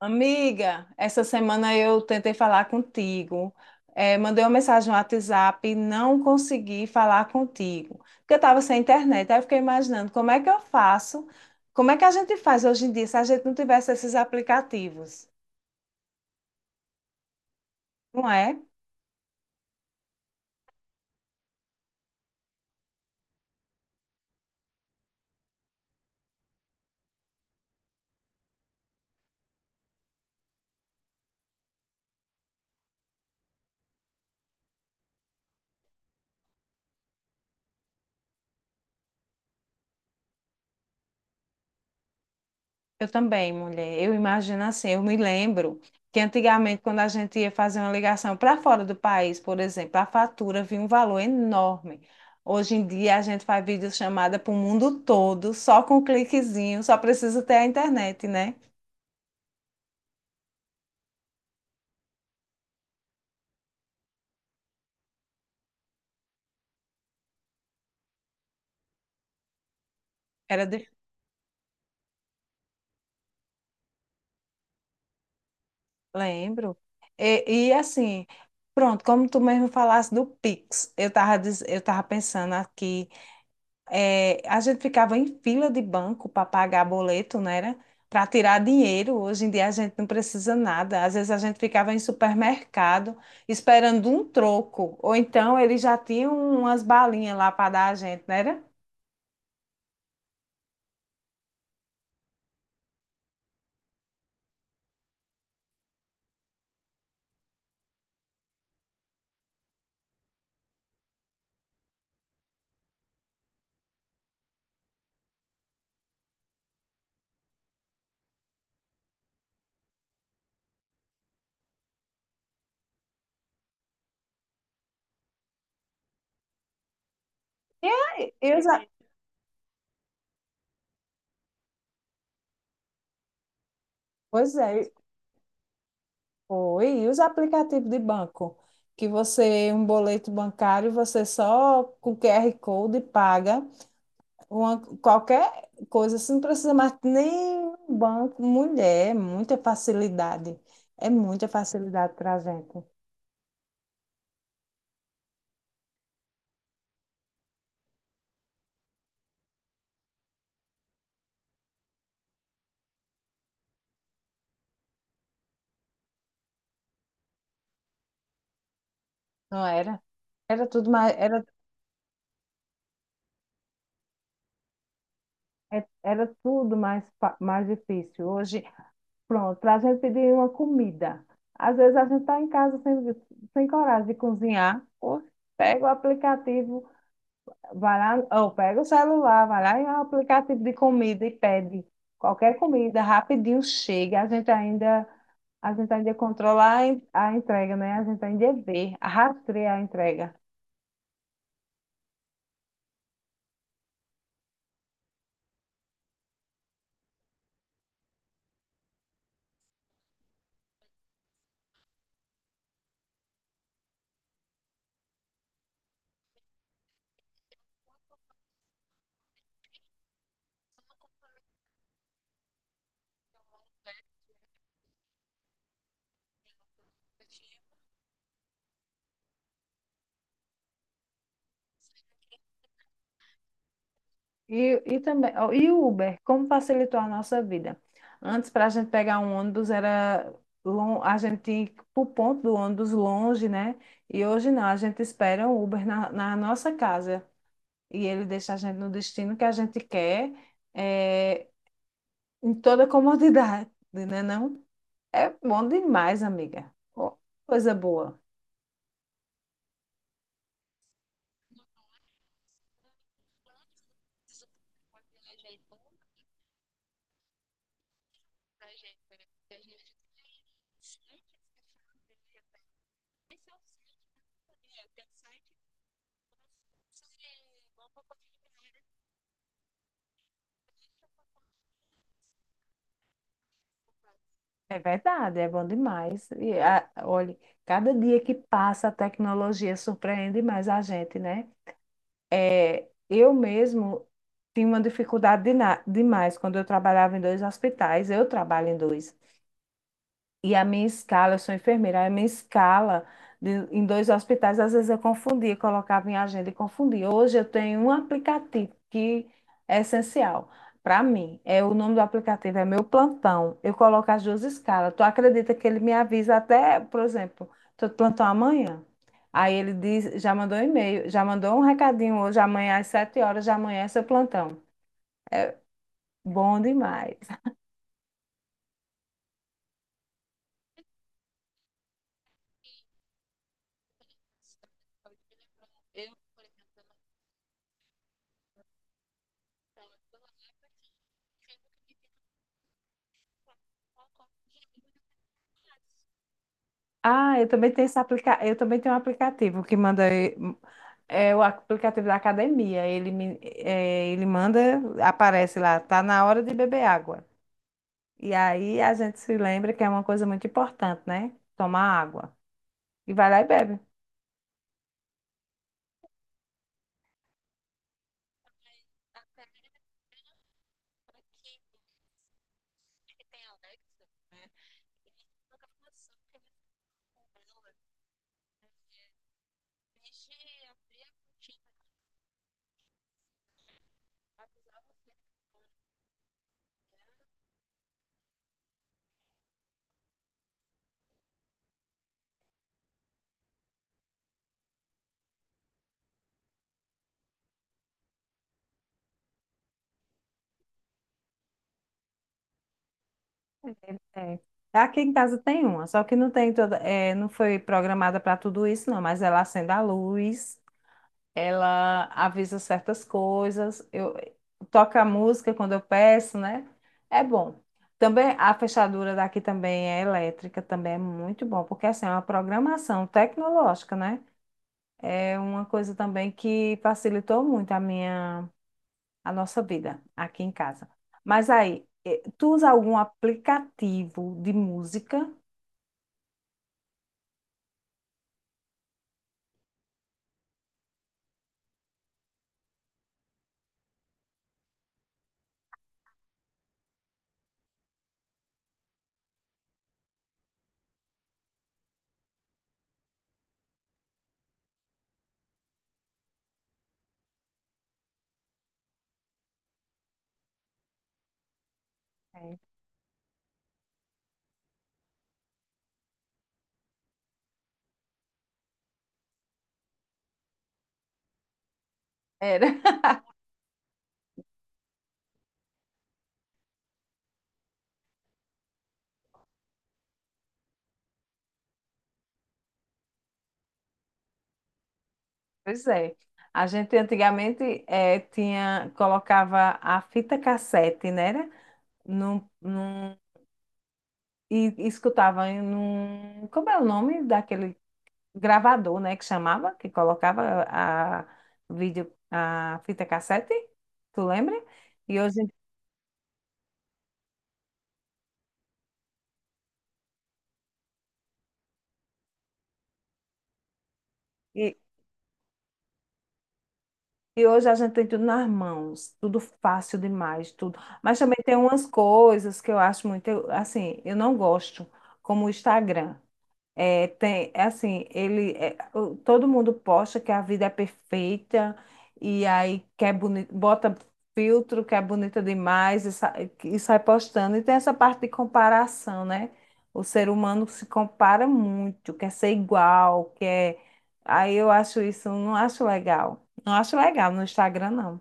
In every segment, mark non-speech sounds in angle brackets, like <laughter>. Amiga, essa semana eu tentei falar contigo, mandei uma mensagem no WhatsApp, não consegui falar contigo, porque eu estava sem internet. Aí eu fiquei imaginando como é que eu faço, como é que a gente faz hoje em dia se a gente não tivesse esses aplicativos, não é? Eu também, mulher. Eu imagino assim, eu me lembro que antigamente, quando a gente ia fazer uma ligação para fora do país, por exemplo, a fatura vinha um valor enorme. Hoje em dia, a gente faz videochamada para o mundo todo, só com um cliquezinho, só precisa ter a internet, né? Era de... Lembro. Assim, pronto, como tu mesmo falasse do Pix, eu tava pensando aqui. É, a gente ficava em fila de banco para pagar boleto, não era? Para tirar dinheiro. Hoje em dia a gente não precisa nada. Às vezes a gente ficava em supermercado esperando um troco. Ou então eles já tinham umas balinhas lá para dar a gente, não era? E, aí, e os, a- pois é, foi. E os aplicativos de banco? Que você, um boleto bancário, você só com QR Code paga. Uma, qualquer coisa, você não precisa mais nem um banco, mulher, é muita facilidade. É muita facilidade para a gente, não era? Era tudo mais, era, é- era tudo mais, mais difícil. Hoje, pronto, para a gente pedir uma comida. Às vezes a gente está em casa sem, sem coragem de cozinhar, ou pega o aplicativo. Vai lá, ou pega o celular, vai lá em um aplicativo de comida e pede qualquer comida, rapidinho chega. A gente ainda controla a a entrega, né? A gente ainda vê, rastreia a entrega. E também, ó, e o Uber, como facilitou a nossa vida? Antes, para a gente pegar um ônibus, era a gente tinha que ir para o ponto do ônibus longe, né? E hoje não, a gente espera um Uber na nossa casa. E ele deixa a gente no destino que a gente quer, eh, em toda comodidade, né não? É bom demais, amiga. Ó, coisa boa. É verdade, é bom demais. E a, olha, cada dia que passa a tecnologia surpreende mais a gente, né? É, eu mesmo tinha uma dificuldade demais quando eu trabalhava em dois hospitais. Eu trabalho em dois. E a minha escala, eu sou enfermeira, a minha escala em dois hospitais, às vezes eu confundia, colocava em agenda e confundia. Hoje eu tenho um aplicativo que é essencial para mim. É, o nome do aplicativo, é meu plantão. Eu coloco as duas escalas. Tu acredita que ele me avisa até, por exemplo, tô de plantão amanhã? Aí ele diz, já mandou um e-mail, já mandou um recadinho hoje, amanhã às 7 horas, já amanhã é seu plantão. Bom demais. Ah, eu também tenho esse aplica... eu também tenho um aplicativo que manda, é o aplicativo da academia. Ele manda, aparece lá, tá na hora de beber água. E aí a gente se lembra que é uma coisa muito importante, né? Tomar água. E vai lá e bebe. É. Aqui em casa tem uma, só que não tem toda, é, não foi programada para tudo isso, não, mas ela acende a luz. Ela avisa certas coisas, eu toca a música quando eu peço, né? É bom. Também a fechadura daqui também é elétrica, também é muito bom, porque assim, é uma programação tecnológica, né? É uma coisa também que facilitou muito a minha, a nossa vida aqui em casa. Mas aí, tu usa algum aplicativo de música? É. Era. <laughs> Pois é. A gente antigamente tinha, colocava a fita cassete, né? era? Num, num, e escutava em num. Como é o nome daquele gravador, né? Que chamava, que colocava a, vídeo, a fita cassete, tu lembra? E hoje, e, e hoje a gente tem tudo nas mãos, tudo fácil demais, tudo. Mas também tem umas coisas que eu acho muito, assim, eu não gosto, como o Instagram. É, tem, é assim, ele, é, todo mundo posta que a vida é perfeita e aí quer bota filtro que é bonita demais e, e sai postando. E tem essa parte de comparação, né? O ser humano se compara muito, quer ser igual, quer... Aí eu acho isso, não acho legal. Não acho legal no Instagram, não.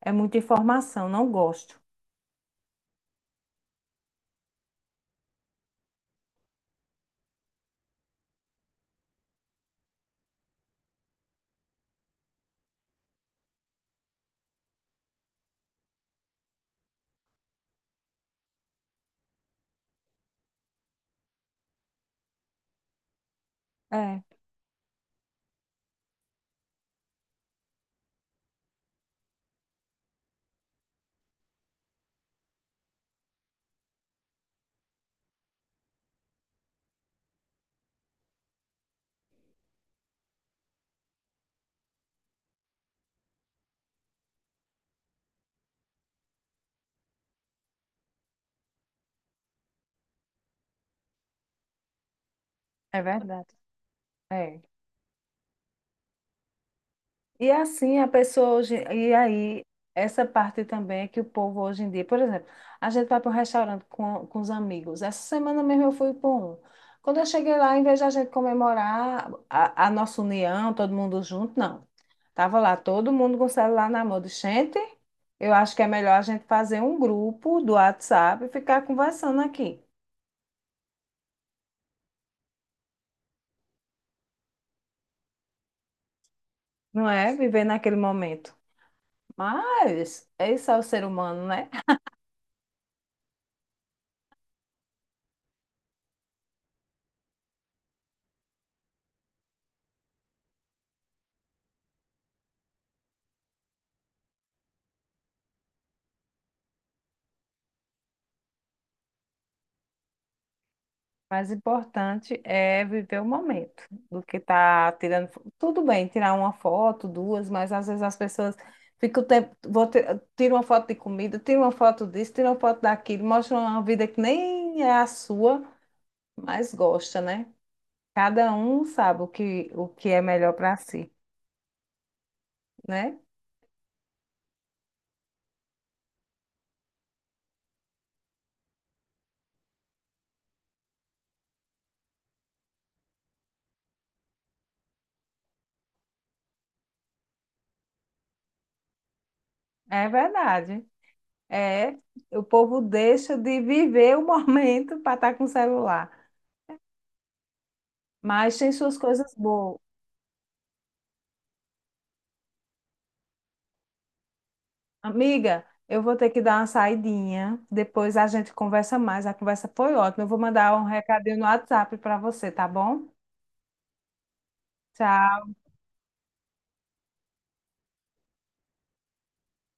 É muita informação, não gosto. É. É verdade. É. E assim a pessoa hoje, e aí essa parte também é que o povo hoje em dia, por exemplo, a gente vai para um restaurante com os amigos. Essa semana mesmo eu fui para um. Quando eu cheguei lá, em vez de a gente comemorar a nossa união, todo mundo junto, não. Tava lá todo mundo com o celular na mão. De gente, eu acho que é melhor a gente fazer um grupo do WhatsApp e ficar conversando aqui, não é? Viver naquele momento. Mas esse é o ser humano, né? Mais importante é viver o momento do que tá tirando. Tudo bem, tirar uma foto, duas, mas às vezes as pessoas ficam o tempo. Tira uma foto de comida, tira uma foto disso, tira uma foto daquilo, mostra uma vida que nem é a sua, mas gosta, né? Cada um sabe o que é melhor para si, né? É verdade. É, o povo deixa de viver o <laughs> momento para estar com o celular. Mas tem suas coisas boas. Amiga, eu vou ter que dar uma saidinha. Depois a gente conversa mais. A conversa foi ótima. Eu vou mandar um recadinho no WhatsApp para você, tá bom? Tchau.